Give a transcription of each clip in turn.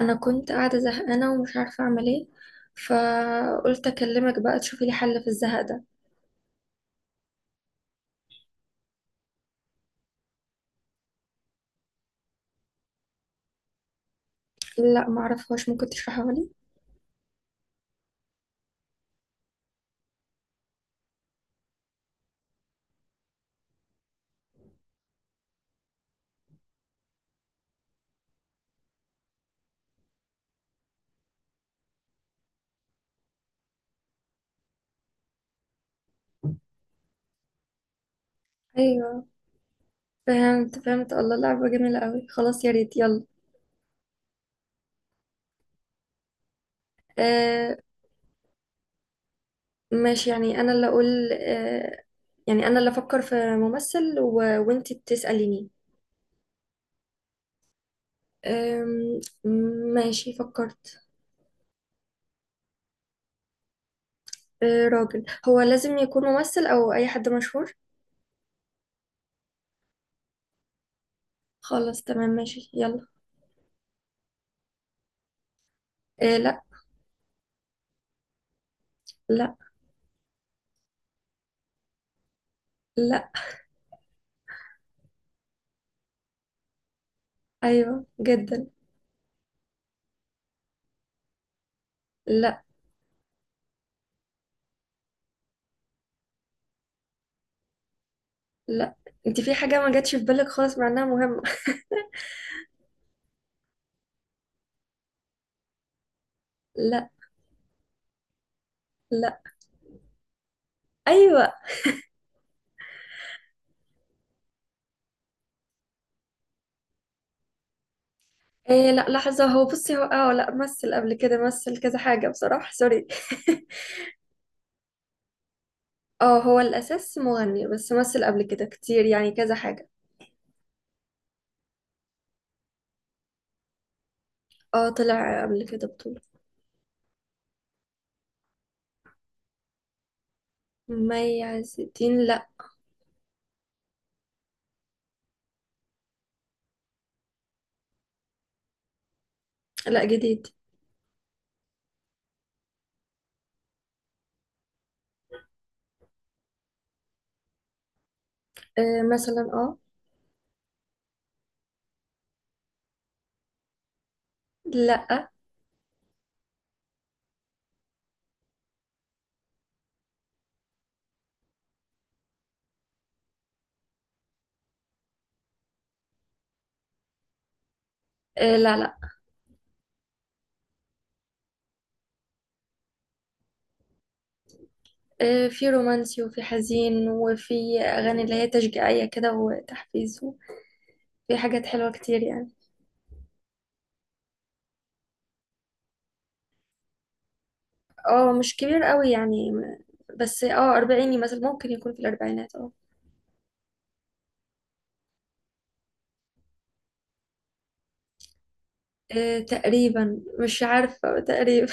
انا كنت قاعده زهقانه ومش عارفه اعمل ايه. فقلت اكلمك بقى تشوفي لي حل في الزهق ده. لا، معرفهاش. ممكن تشرحها لي؟ ايوه، فهمت. الله، لعبه جميله قوي. خلاص، يا ريت، يلا. آه. ماشي، يعني انا اللي اقول آه. يعني انا اللي افكر في ممثل وانتي بتساليني. آم، ماشي، فكرت. آه، راجل. هو لازم يكون ممثل او اي حد مشهور؟ خلاص، تمام، ماشي، يلا. آه، لا. لا. لا. ايوه، جدا. لا. لا، انت في حاجة ما جاتش في بالك خالص مع انها مهمة. لا. لا. ايوه. إيه، لا، لحظة. هو، بصي، هو، لا، مثل قبل كده، مثل كذا حاجة بصراحة. سوري. اه، هو الاساس مغني بس مثل قبل كده كتير، يعني كذا حاجة. اه، طلع قبل كده بطولة. مي عز الدين؟ لا. لا، جديد. إيه، مثلا، اه. لا. إيه، لا، لا. إيه، في رومانسي وفي حزين وفي اغاني اللي هي تشجيعية كده وتحفيز، وفي حاجات حلوة كتير يعني. اه، مش كبير قوي يعني بس اه، أربعيني مثلا، ممكن يكون في الأربعينات. اه. آه، تقريبا. مش عارفة، تقريبا.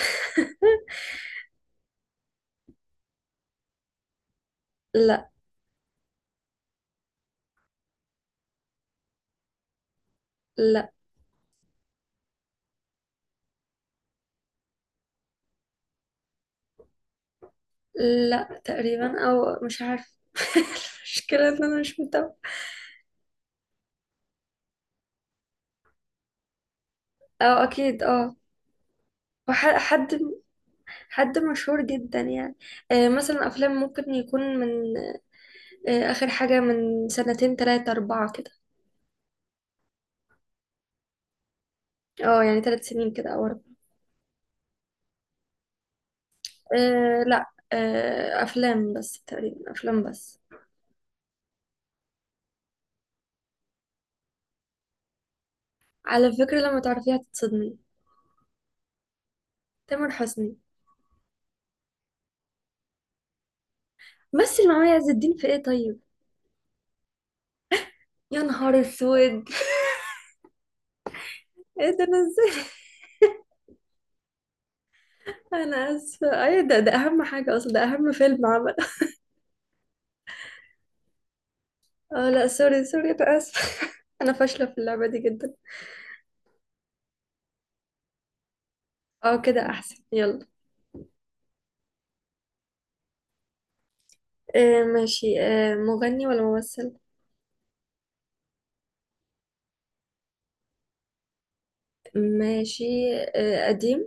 لا. لا، لا تقريبا، أو مش عارفة. المشكلة إن أنا مش متابعة. اه، أكيد، اه. حد. حد مشهور جدا يعني. مثلا أفلام ممكن يكون من آخر حاجة، من 2، 3، 4 سنين كده. اه، يعني 3 سنين كده أو 4. آه، لا. أفلام بس، تقريبا أفلام بس. على فكرة، لما تعرفيها هتتصدمي. تامر حسني. مثل مع مي عز الدين في ايه؟ طيب. يا نهار اسود! ايه ده؟ انا ازاي؟ انا اسفة. ايه ده اهم حاجة اصلا، ده اهم فيلم عمل. اه، لا، سوري سوري، انا اسفة. انا فاشلة في اللعبة دي جدا. اه، كده احسن، يلا. آه، ماشي. مغني ولا ممثل؟ ماشي. آه، قديم.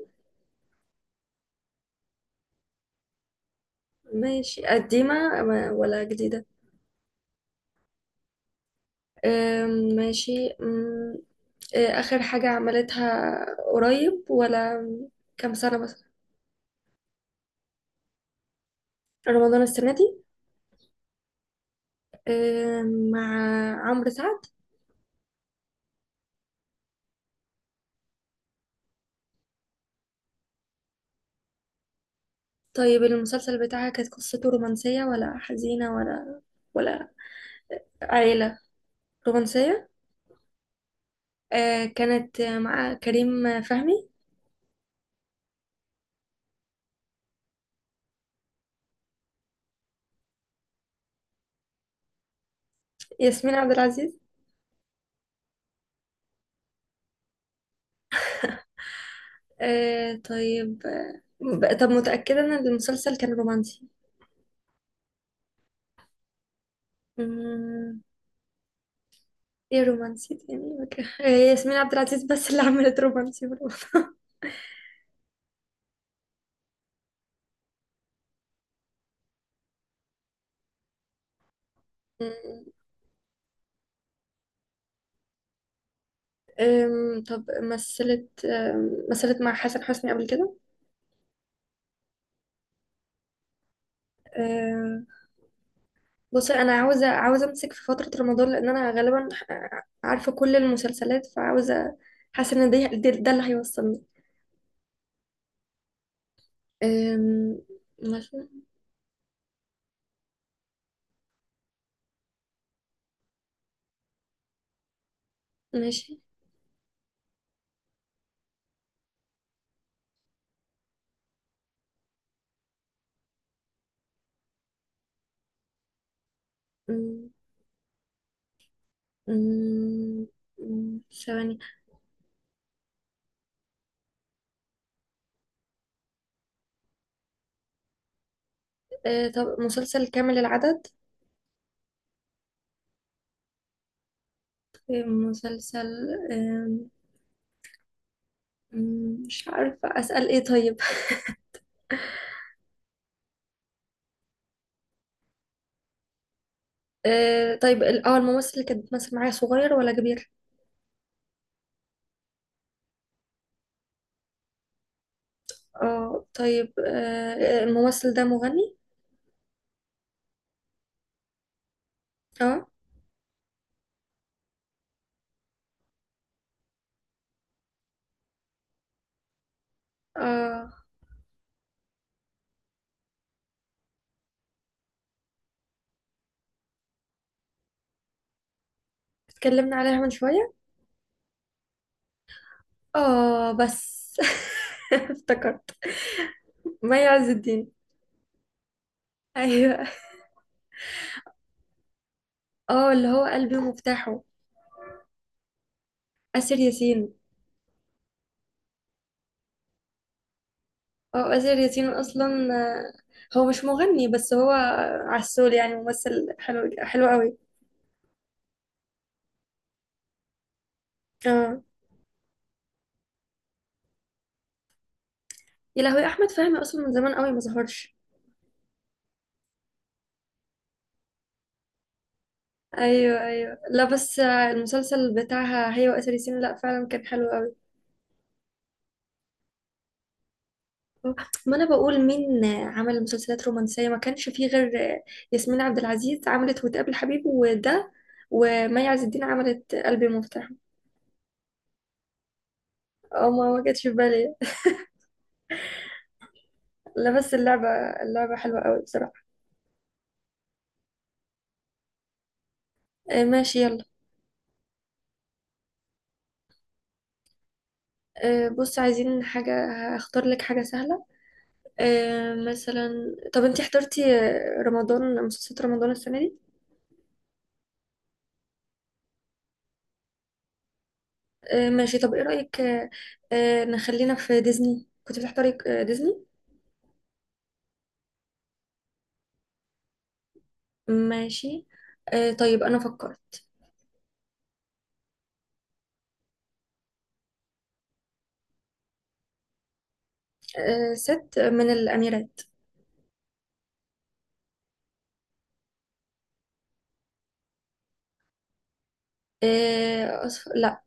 ماشي، قديمة ولا جديدة؟ آه، ماشي. مم. إيه آخر حاجة عملتها؟ قريب، ولا كام سنة مثلا؟ رمضان السنة دي؟ إيه؟ مع عمرو سعد؟ طيب، المسلسل بتاعها كانت قصته رومانسية ولا حزينة ولا عائلة؟ رومانسية؟ إيه، كانت مع كريم فهمي؟ ياسمين عبد العزيز؟ إيه، طيب. طب متأكدة إن المسلسل كان رومانسي؟ مم، ايه، رومانسي تاني. إيه، ياسمين عبد العزيز بس اللي عملت رومانسي في رمضان. طب، مثلت مع حسن حسني قبل كده؟ أم، بصي، انا عاوزه عاوزه امسك في فتره رمضان، لان انا غالبا عارفه كل المسلسلات، فعاوزه. حاسه ان ده اللي هيوصلني. أم، ماشي. ماشي. أم، أم، أم، ثواني. طب مسلسل كامل العدد؟ مسلسل. أم، أم، مش عارفه اسال ايه، طيب. طيب الممثل اللي كانت بتمثل معايا صغير ولا كبير؟ اه. طيب، الممثل ده مغني؟ اه. اه، اتكلمنا عليها من شوية. اه بس. افتكرت. مي عز الدين. ايوه. اه، اللي هو قلبي ومفتاحه. آسر ياسين. اه، آسر ياسين اصلا. هو مش مغني بس هو عسول، يعني ممثل حلو حلو قوي. اه. يا لهوي، احمد فهمي اصلا من زمان قوي ما ظهرش. ايوه، ايوه، لا بس المسلسل بتاعها هي وآسر ياسين، لا فعلا كان حلو قوي. ما انا بقول مين عمل مسلسلات رومانسية؟ ما كانش فيه غير ياسمين عبد العزيز، عملت وتقابل حبيب وده. ومي عز الدين عملت قلبي مفتاح. اه، ما جاتش في بالي. لا بس اللعبة. اللعبة حلوة قوي بصراحة. آه، ماشي، يلا. بص عايزين حاجة. هختار لك حاجة سهلة. مثلا. طب انتي حضرتي رمضان، مسلسلات رمضان السنة دي؟ ماشي. طب ايه رأيك، نخلينا في ديزني. كنت بتحضري ديزني؟ ماشي. طيب انا فكرت. ست من الأميرات. لا.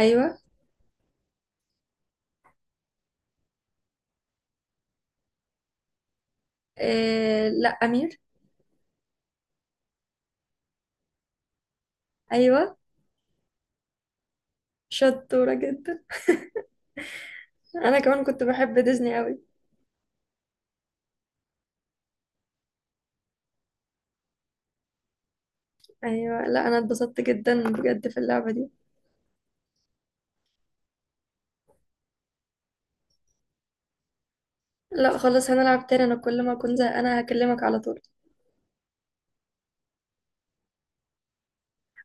أيوة. لا، أمير. أيوة. شطورة جدا. أنا كمان كنت بحب ديزني أوي. أيوة. لا، أنا اتبسطت جدا بجد في اللعبة دي. لا خلاص، هنلعب تاني. أنا كل ما أكون زهقانة هكلمك على طول.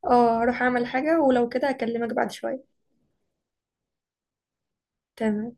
اه، هروح أعمل حاجة ولو كده هكلمك بعد شوية. تمام.